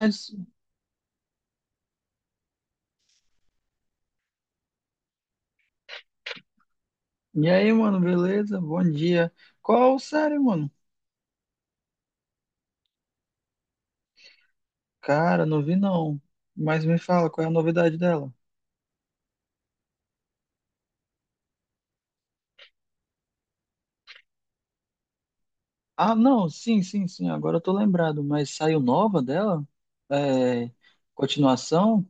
Mas, E aí, mano, beleza? Bom dia. Qual série, mano? Cara, não vi não. Mas me fala, qual é a novidade dela? Ah, não, sim, sim, sim, agora eu tô lembrado. Mas saiu nova dela? É, continuação?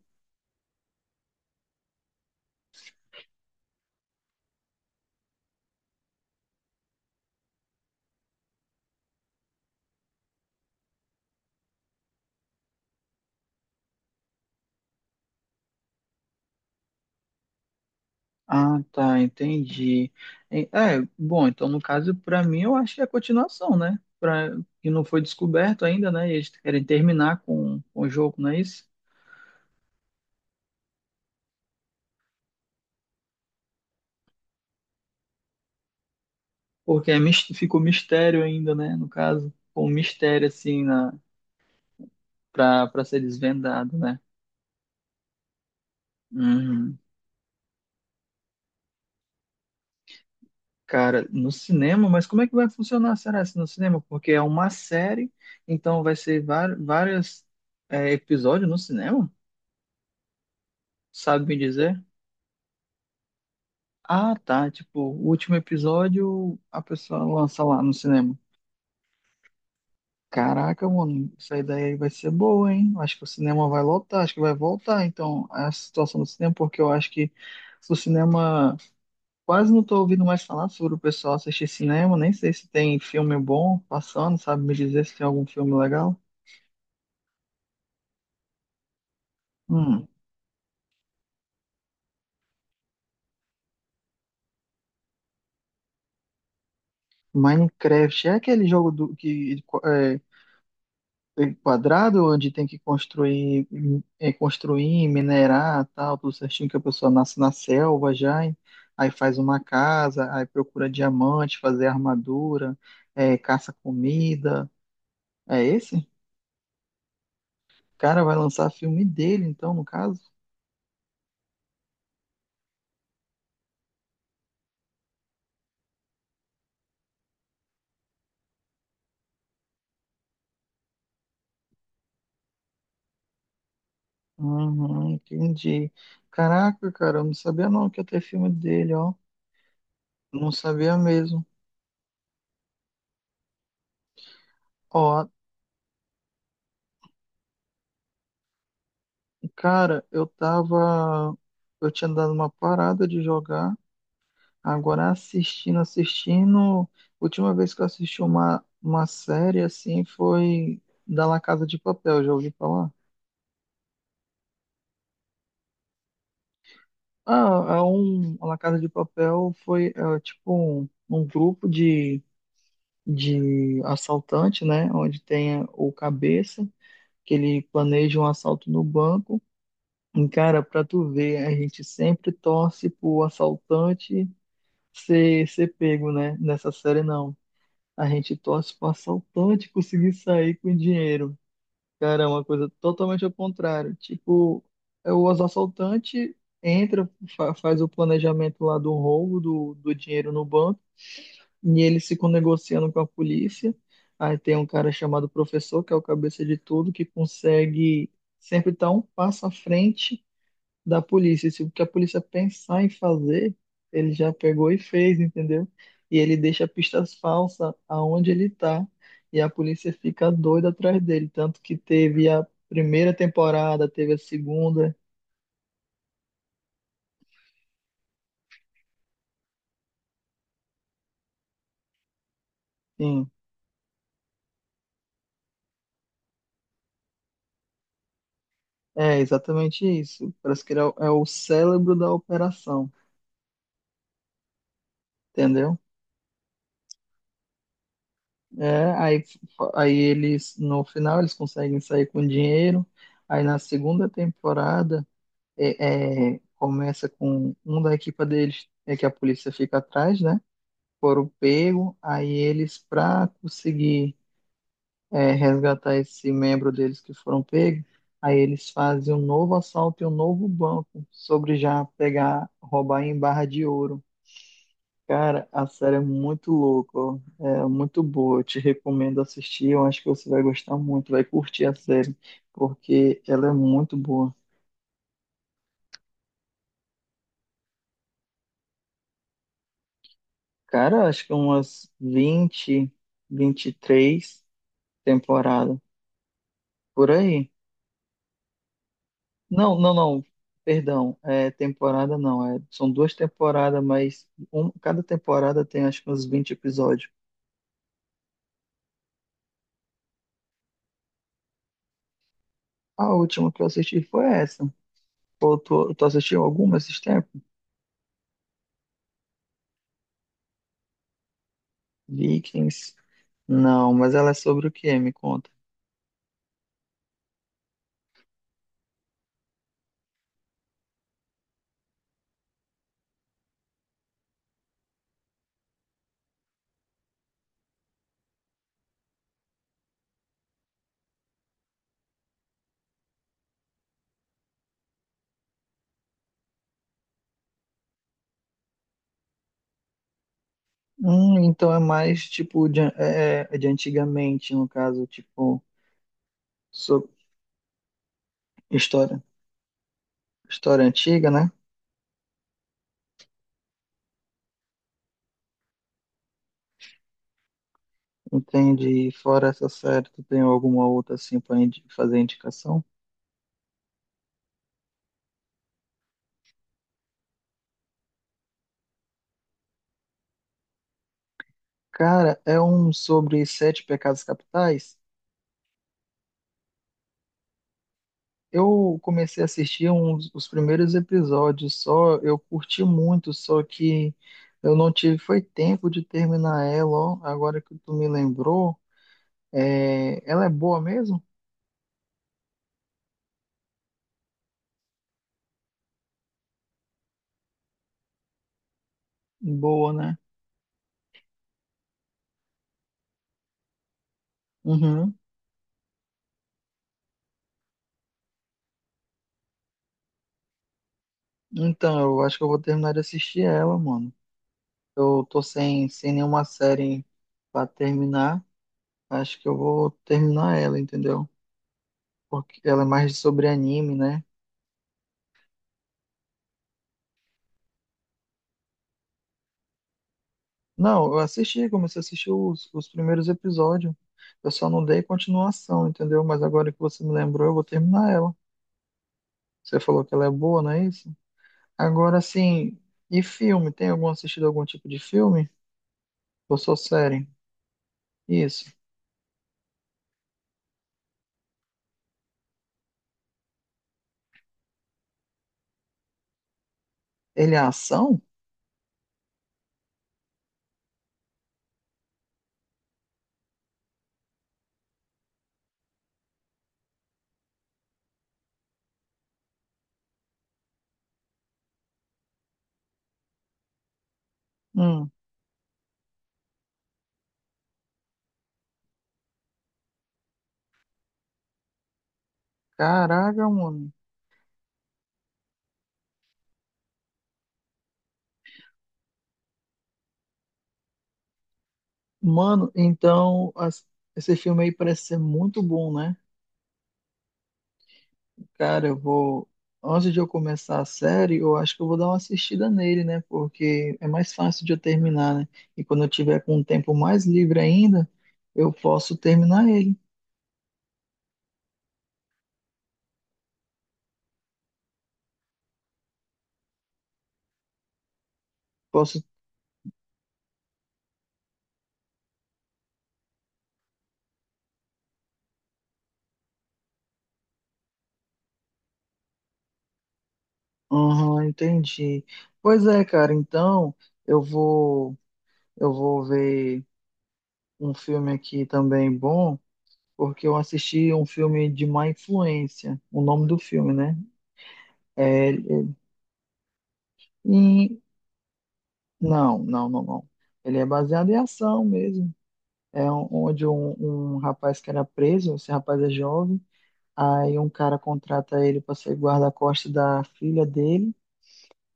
Ah, tá, entendi. Bom, então no caso, pra mim, eu acho que é a continuação, né? Que não foi descoberto ainda, né? E eles querem terminar com o jogo, não é isso? Porque ficou mistério ainda, né? No caso, com o mistério, assim, na para ser desvendado, né? Uhum. Cara, no cinema, mas como é que vai funcionar, será, se no cinema? Porque é uma série, então vai ser vários episódios no cinema? Sabe me dizer? Ah, tá, tipo, o último episódio a pessoa lança lá no cinema. Caraca, mano, essa ideia aí vai ser boa, hein? Eu acho que o cinema vai lotar, acho que vai voltar, então, a situação do cinema, porque eu acho que o cinema quase não tô ouvindo mais falar sobre o pessoal assistir cinema, nem sei se tem filme bom passando, sabe me dizer se tem algum filme legal? Hum. Minecraft é aquele jogo do que é quadrado onde tem que construir, construir, minerar, tal, tudo certinho que a pessoa nasce na selva já, hein? Aí faz uma casa, aí procura diamante, fazer armadura, caça comida. É esse? O cara vai lançar filme dele, então, no caso. Uhum, entendi. Caraca, cara, eu não sabia não que ia ter filme dele, ó. Não sabia mesmo. Ó, cara, eu tava. Eu tinha dado uma parada de jogar, agora assistindo, assistindo. Última vez que eu assisti uma série assim foi da La Casa de Papel, já ouvi falar? Ah, é a La Casa de Papel foi tipo um grupo de assaltante, né? Onde tem o cabeça, que ele planeja um assalto no banco. E, cara, pra tu ver, a gente sempre torce pro assaltante ser pego, né? Nessa série, não. A gente torce pro assaltante conseguir sair com o dinheiro. Cara, é uma coisa totalmente ao contrário. Tipo, é o assaltante entra, faz o planejamento lá do roubo do dinheiro no banco e eles ficam negociando com a polícia. Aí tem um cara chamado professor, que é o cabeça de tudo, que consegue sempre estar um passo à frente da polícia. Se o que a polícia pensar em fazer, ele já pegou e fez, entendeu? E ele deixa pistas falsas aonde ele está. E a polícia fica doida atrás dele. Tanto que teve a primeira temporada, teve a segunda. Sim, é exatamente isso. Parece que ele é o cérebro da operação, entendeu? É, aí eles, no final, eles conseguem sair com dinheiro. Aí na segunda temporada, começa com um da equipa deles, é que a polícia fica atrás, né? Foram pego, aí eles, para conseguir resgatar esse membro deles que foram pegos, aí eles fazem um novo assalto e um novo banco sobre já pegar, roubar em barra de ouro. Cara, a série é muito louca, ó. É muito boa. Eu te recomendo assistir. Eu acho que você vai gostar muito, vai curtir a série, porque ela é muito boa. Cara, acho que umas 20, 23 temporadas por aí. Não, não, não. Perdão, é temporada não. É, são duas temporadas, mas cada temporada tem acho que uns 20 episódios. A última que eu assisti foi essa. Pô, tu assistiu alguma esses tempos? Vikings. Não, mas ela é sobre o quê? Me conta. Então é mais tipo de, de antigamente, no caso, tipo, so, história, história antiga, né? Entende? E fora essa série, tu tem alguma outra assim pra fazer indicação? Cara, é um sobre sete pecados capitais. Eu comecei a assistir os primeiros episódios só, eu curti muito, só que eu não tive, foi tempo de terminar ela, ó, agora que tu me lembrou. É, ela é boa mesmo? Boa, né? Uhum. Então, eu acho que eu vou terminar de assistir ela, mano. Eu tô sem nenhuma série pra terminar. Acho que eu vou terminar ela, entendeu? Porque ela é mais sobre anime, né? Não, eu assisti, comecei a assistir os primeiros episódios. Eu só não dei continuação, entendeu? Mas agora que você me lembrou, eu vou terminar ela. Você falou que ela é boa, não é isso? Agora sim, e filme? Tem algum assistido algum tipo de filme? Ou só série? Isso. Ele é ação? Hum, caraca, mano. Mano, então esse filme aí parece ser muito bom, né? Cara, eu vou. Antes de eu começar a série, eu acho que eu vou dar uma assistida nele, né? Porque é mais fácil de eu terminar, né? E quando eu tiver com um tempo mais livre ainda, eu posso terminar ele. Posso. Aham, entendi. Pois é, cara, então eu vou. Eu vou ver um filme aqui também bom. Porque eu assisti um filme de má influência. O nome do filme, né? É, é- e- não, não, não, não. Ele é baseado em ação mesmo. Onde um rapaz que era preso, esse rapaz é jovem, aí um cara contrata ele para ser guarda-costas da filha dele.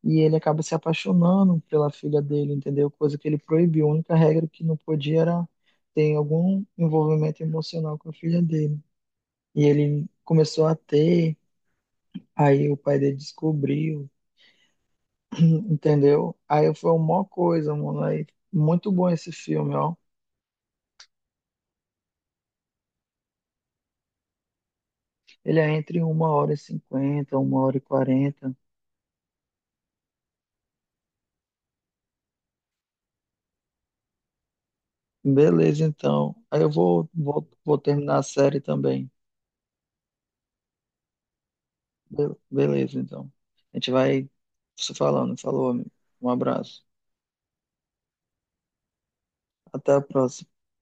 E ele acaba se apaixonando pela filha dele, entendeu? Coisa que ele proibiu. A única regra que não podia era ter algum envolvimento emocional com a filha dele. E ele começou a ter. Aí o pai dele descobriu, entendeu? Aí foi uma coisa, mano. Aí, muito bom esse filme, ó. Ele é entre 1h50, 1h40. Beleza, então. Aí eu vou terminar a série também. Beleza, então. A gente vai se falando. Falou, amigo. Um abraço. Até a próxima.